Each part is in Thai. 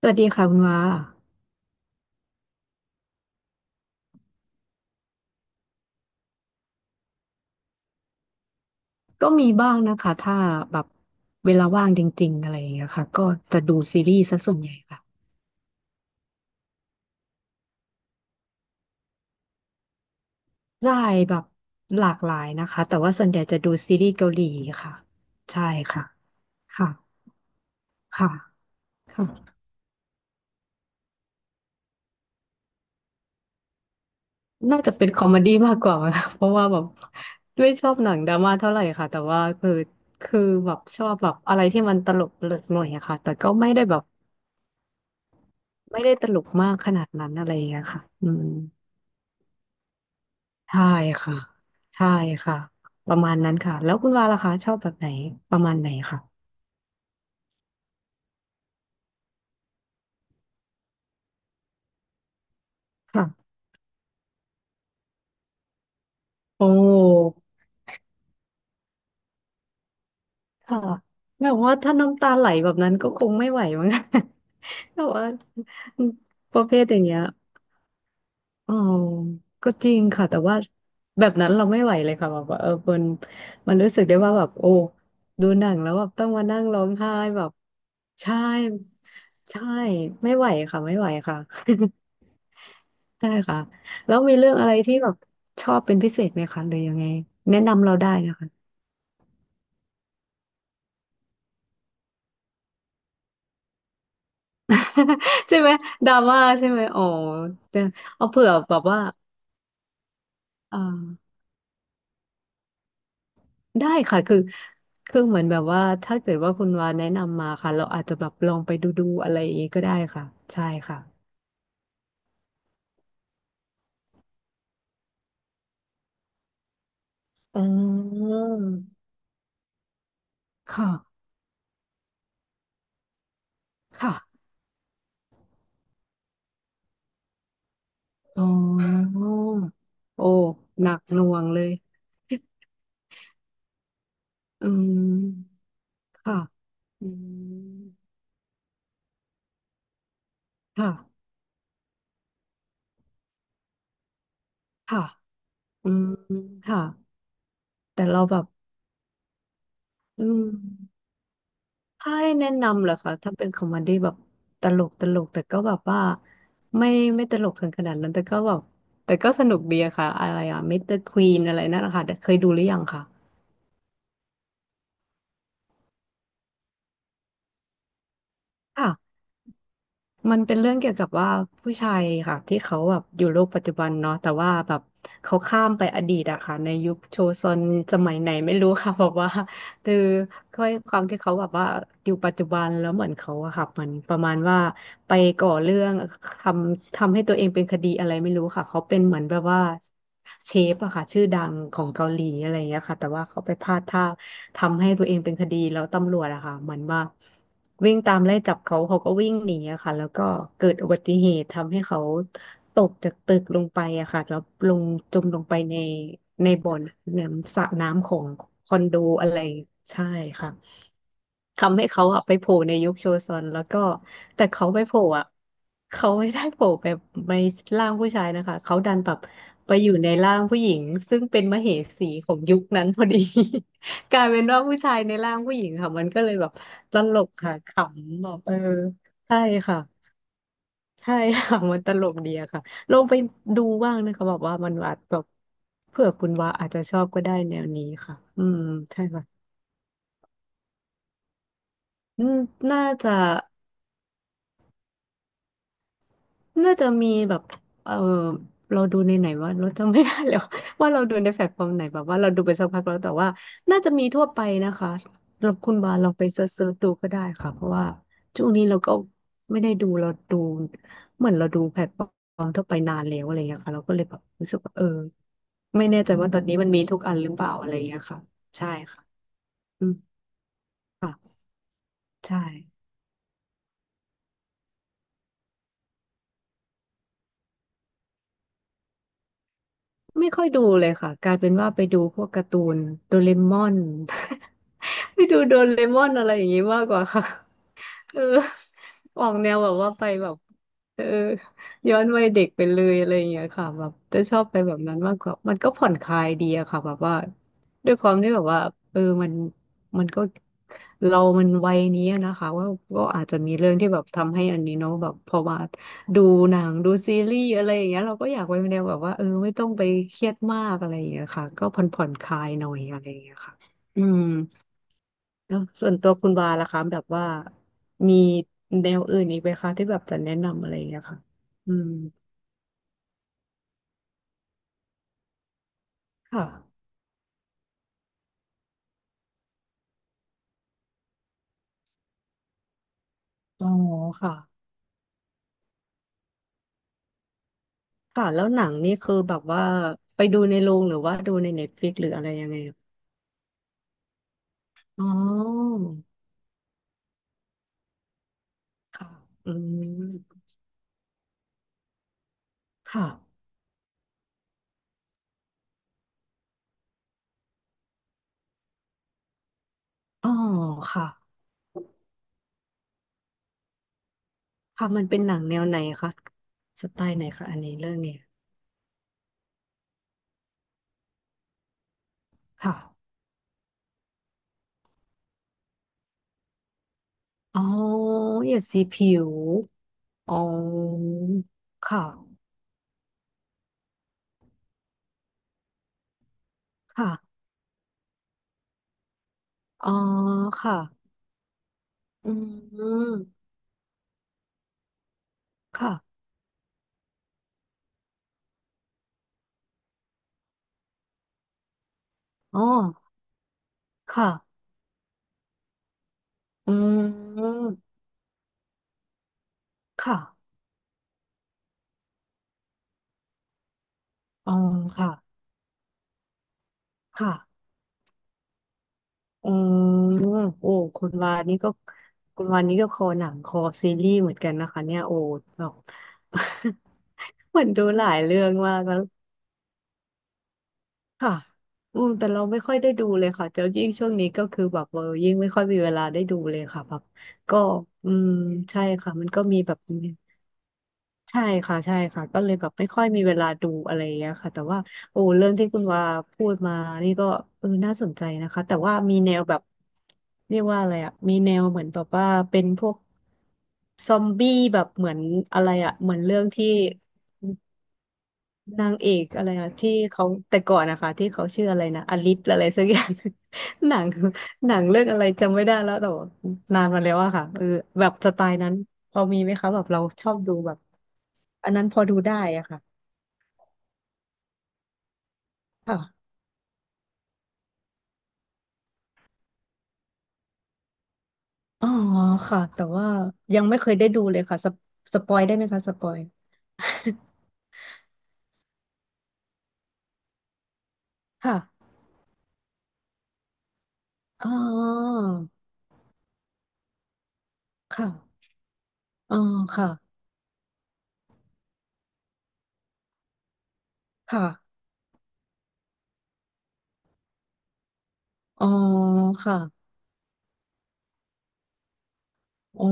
สวัสดีค่ะคุณว่าก็มีบ้างนะคะถ้าแบบเวลาว่างจริงๆอะไรอย่างเงี้ยค่ะก็จะดูซีรีส์ซะส่วนใหญ่ค่ะได้แบบหลากหลายนะคะแต่ว่าส่วนใหญ่จะดูซีรีส์เกาหลีค่ะใช่ค่ะค่ะค่ะค่ะน่าจะเป็นคอมเมดี้มากกว่าค่ะ เพราะว่าแบบไม่ชอบหนังดราม่าเท่าไหร่ค่ะแต่ว่าคือแบบชอบแบบอะไรที่มันตลกหน่อยอะค่ะแต่ก็ไม่ได้แบบไม่ได้ตลกมากขนาดนั้นอะไรอย่างเงี้ยค่ะอืม ใช่ค่ะใช่ค่ะประมาณนั้นค่ะแล้วคุณวาล่ะคะชอบแบบไหนประมาณไหนค่ะค่ะโอ้ค่ะแบบว่าถ้าน้ำตาไหลแบบนั้นก็คงไม่ไหวมั้ง แต่ว่าประเภทอย่างเงี้ยอ๋อก็จริงค่ะแต่ว่าแบบนั้นเราไม่ไหวเลยค่ะแบบว่าเออมันรู้สึกได้ว่าแบบโอ้ดูหนังแล้วแบบต้องมานั่งร้องไห้แบบใช่ใช่ไม่ไหวค่ะไม่ไหวค่ะ ใช่ค่ะแล้วมีเรื่องอะไรที่แบบชอบเป็นพิเศษไหมคะหรือยังไงแนะนำเราได้นะคะ ใช่ไหมดราม่าใช่ไหมอ๋อแต่เอาเผื่อแบบว่าเออได้ค่ะคือเหมือนแบบว่าถ้าเกิดว่าคุณวาแนะนำมาค่ะเราอาจจะแบบลองไปดูอะไรอย่างงี้ก็ได้ค่ะใช่ค่ะอืมค่ะค่ะอ๋อโอ้หนักหน่วงเลยอืมค่ะอืมค่ะค่ะ อืมค่ะแต่เราแบบอืมถ้าให้แนะนำเหรอคะถ้าเป็นคอมเมดี้แบบตลกแต่ก็แบบว่าไม่ไม่ตลกถึงขนาดนั้นแต่ก็แบบแต่ก็สนุกดีอะค่ะอะไรอะมิสเตอร์ควีนอะไรนั่นนะคะเคยดูหรือยังคะค่ะ มันเป็นเรื่องเกี่ยวกับว่าผู้ชายค่ะที่เขาแบบอยู่โลกปัจจุบันเนาะแต่ว่าแบบเขาข้ามไปอดีตอะค่ะในยุคโชซอนสมัยไหนไม่รู้ค่ะ บอกว่าคือด้วยความที่เขาแบบว่าอยู่ปัจจุบันแล้วเหมือนเขาอะค่ะเหมือนประมาณว่าไปก่อเรื่องททำให้ตัวเองเป็นคดีอะไรไม่รู้ค่ะเขาเป็นเหมือนแบบว่าเชฟอะค่ะชื่อดังของเกาหลีอะไรอย่างเงี้ยค่ะแต่ว่าเขาไปพลาดท่าทำให้ตัวเองเป็นคดีแล้วตำรวจอะค่ะเหมือนว่า วิ่งตามไล่จับเขาเขาก็วิ่งหนีอะค่ะแล้วก็เกิดอุบัติเหตุทำให้เขาตกจากตึกลงไปอะค่ะแล้วลงจมลงไปในในบ่อน้ำสระน้ำของคอนโดอะไรใช่ค่ะ ทำให้เขาอะไปโผล่ในยุคโชซอนแล้วก็แต่เขาไปโผล่อะเขาไม่ได้โผล่แบบในร่างผู้ชายนะคะเขาดันแบบไปอยู่ในร่างผู้หญิงซึ่งเป็นมเหสีของยุคนั้นพอดี กลายเป็นว่าผู้ชายในร่างผู้หญิงค่ะมันก็เลยแบบตลกค่ะขำแบบเออใช่ค่ะใช่ค่ะ มันตลกดีอะค่ะลองไปดูบ้างนะคะแบบว่ามันอาจแบบเผื่อคุณว่าอาจจะชอบก็ได้แนวนี้ค่ะอืมใช่ค่ะอืมน่าจะ น่าจะมีแบบเออเราดูในไหนว่าเราจำไม่ได้แล้วว่าเราดูในแพลตฟอร์มไหนแบบว่าเราดูไปสักพักแล้วแต่ว่า น่าจะมีทั่วไปนะคะสำหรับคุณบาลลองไปเซิร์ชดูก็ได้ค่ะเพราะว่าช่วงนี้เราก็ไม่ได้ดูเราดู เหมือนเราดูแพลตฟอร์มทั่วไปนานแล้วอะไรอย่างเงี้ยค่ะเราก็เลยแบบรู้สึกว่าเออไม่แน่ใจว่าตอนนี้มันมีทุกอันหรือเปล่าอะไรอย่างเงี้ยค่ะ ใช่ค่ะอืมค่ะใช่ ไม่ค่อยดูเลยค่ะกลายเป็นว่าไปดูพวกการ์ตูนโดเรมอน ไปดูโดเรมอนอะไรอย่างนี้มากกว่าค่ะ เออออกแนวแบบว่าไปแบบเออย้อนวัยเด็กไปเลยอะไรอย่างเงี้ยค่ะแบบจะชอบไปแบบนั้นมากกว่ามันก็ผ่อนคลายดีอะค่ะแบบว่าด้วยความที่แบบว่าเออมันมันก็เรามันวัยนี้อะนะคะว่าก็อาจจะมีเรื่องที่แบบทำให้อันนี้เนาะแบบพอมาดูหนังดูซีรีส์อะไรอย่างเงี้ยเราก็อยากไปแนวแบบว่าเออไม่ต้องไปเครียดมากอะไรอย่างเงี้ยค่ะก็ผ่อนคลายหน่อยอะไรอย่างเงี้ยค่ะอืม แล้วส่วนตัวคุณวาล่ะคะแบบว่ามีแนวอื่นอีกไหมคะที่แบบจะแนะนำอะไรอย่างเงี้ยค่ะ อืมค่ะอ๋อค่ะค่ะแล้วหนังนี่คือแบบว่าไปดูในโรงหรือว่าดูในเน็ตฟลิกหรืออะไรยังไงอะอ๋อ ค่ะอืมค่ะ อ๋อค่ะค่ะมันเป็นหนังแนวไหนคะสไตล์ไหนคะอันนี้เรื่องเนี้ยค่ะอ๋อเหยยดสีผิวอ๋อค่ะค่ะอ๋อค่ะ อืมค่ะอ๋อค่ะอืมค่ะอ๋อค่ะค่ะอืมโอ้คุณวานี่ก็คุณวานี่ก็คอหนังคอซีรีส์เหมือนกันนะคะเนี่ยโอ้แบบ เหมือนดูหลายเรื่องมากแล้วค่ะอืมแต่เราไม่ค่อยได้ดูเลยค่ะแล้วยิ่งช่วงนี้ก็คือแบบยิ่งไม่ค่อยมีเวลาได้ดูเลยค่ะแบบก็อืมใช่ค่ะมันก็มีแบบ ใช่ค่ะใช่ค่ะก็เลยแบบไม่ค่อยมีเวลาดูอะไรอย่างเงี้ยค่ะแต่ว่าโอ้เรื่องที่คุณว่าพูดมานี่ก็น่าสนใจนะคะแต่ว่ามีแนวแบบเรียกว่าอะไรอะมีแนวเหมือนแบบว่าเป็นพวกซอมบี้แบบเหมือนอะไรอะเหมือนเรื่องที่ นางเอกอะไรอะที่เขาแต่ก่อนนะคะที่เขาชื่ออะไรนะอลิสอะไรสักอย่าง หนังหนังเรื่องอะไรจำไม่ได้แล้วแต่ว่านานมาแล้วอะค่ะเออแบบสไตล์นั้นพอมีไหมคะแบบเราชอบดูแบบอันนั้นพอดูได้อะค่ะค่ะอ๋อค่ะแต่ว่ายังไม่เคยได้ดูเลยค่ะสปอยได้ไหมคะสปอย ค่ะอ๋อค่ะอ๋อค่ะค่ะอ๋อค่ะอ๋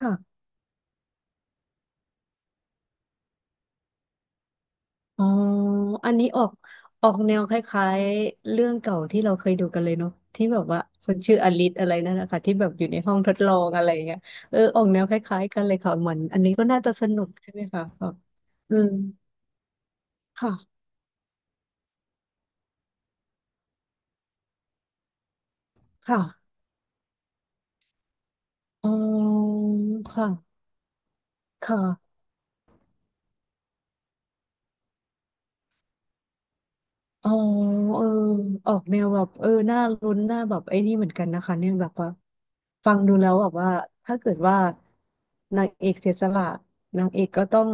อ อ๋ออันนี้ออกแนวคล้ายๆเรื่องเก่าที่เราเคยดูกันเลยเนาะที่แบบว่าคนชื่ออลิสอะไรนั่นนะคะที่แบบอยู่ในห้องทดลองอะไรอย่างเงี้ยเออออกแนวคล้ายๆกันเลยค่ะเหมือนอันนี้ก็น่าจะสนุกใช่ไหมคะแบบอืมค่ะค่ะอ๋อค่ะค่ะ อ๋อเออออกแนวแบบน่าลุ้นน่าแบบไอ้นี่เหมือนกันนะคะเนี่ยแบบว่าฟังดูแล้วแบบว่าถ้าเกิดว่านางเอกเสียสละนางเอกก็ต้อง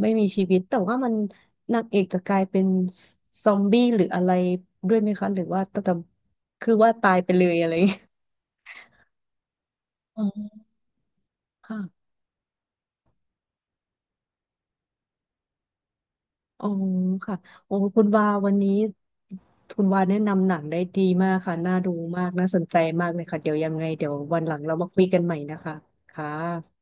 ไม่มีชีวิตแต่ว่ามันนางเอกจะกลายเป็นซอมบี้หรืออะไรด้วยไหมคะหรือว่าต้องคือว่าตายไปเลยอะไรอย่างเงี้ยอ๋อค่ะ อ๋อค่ะโอ้คุณวาวันนี้คุณวาแนะนำหนังได้ดีมากค่ะ น่าดูมาก น่าสนใจมากเลยค่ะ เดี๋ยวยังไง เดี๋ยววันหลังเรามาคุยกันใหม่นะคะ ค่ะ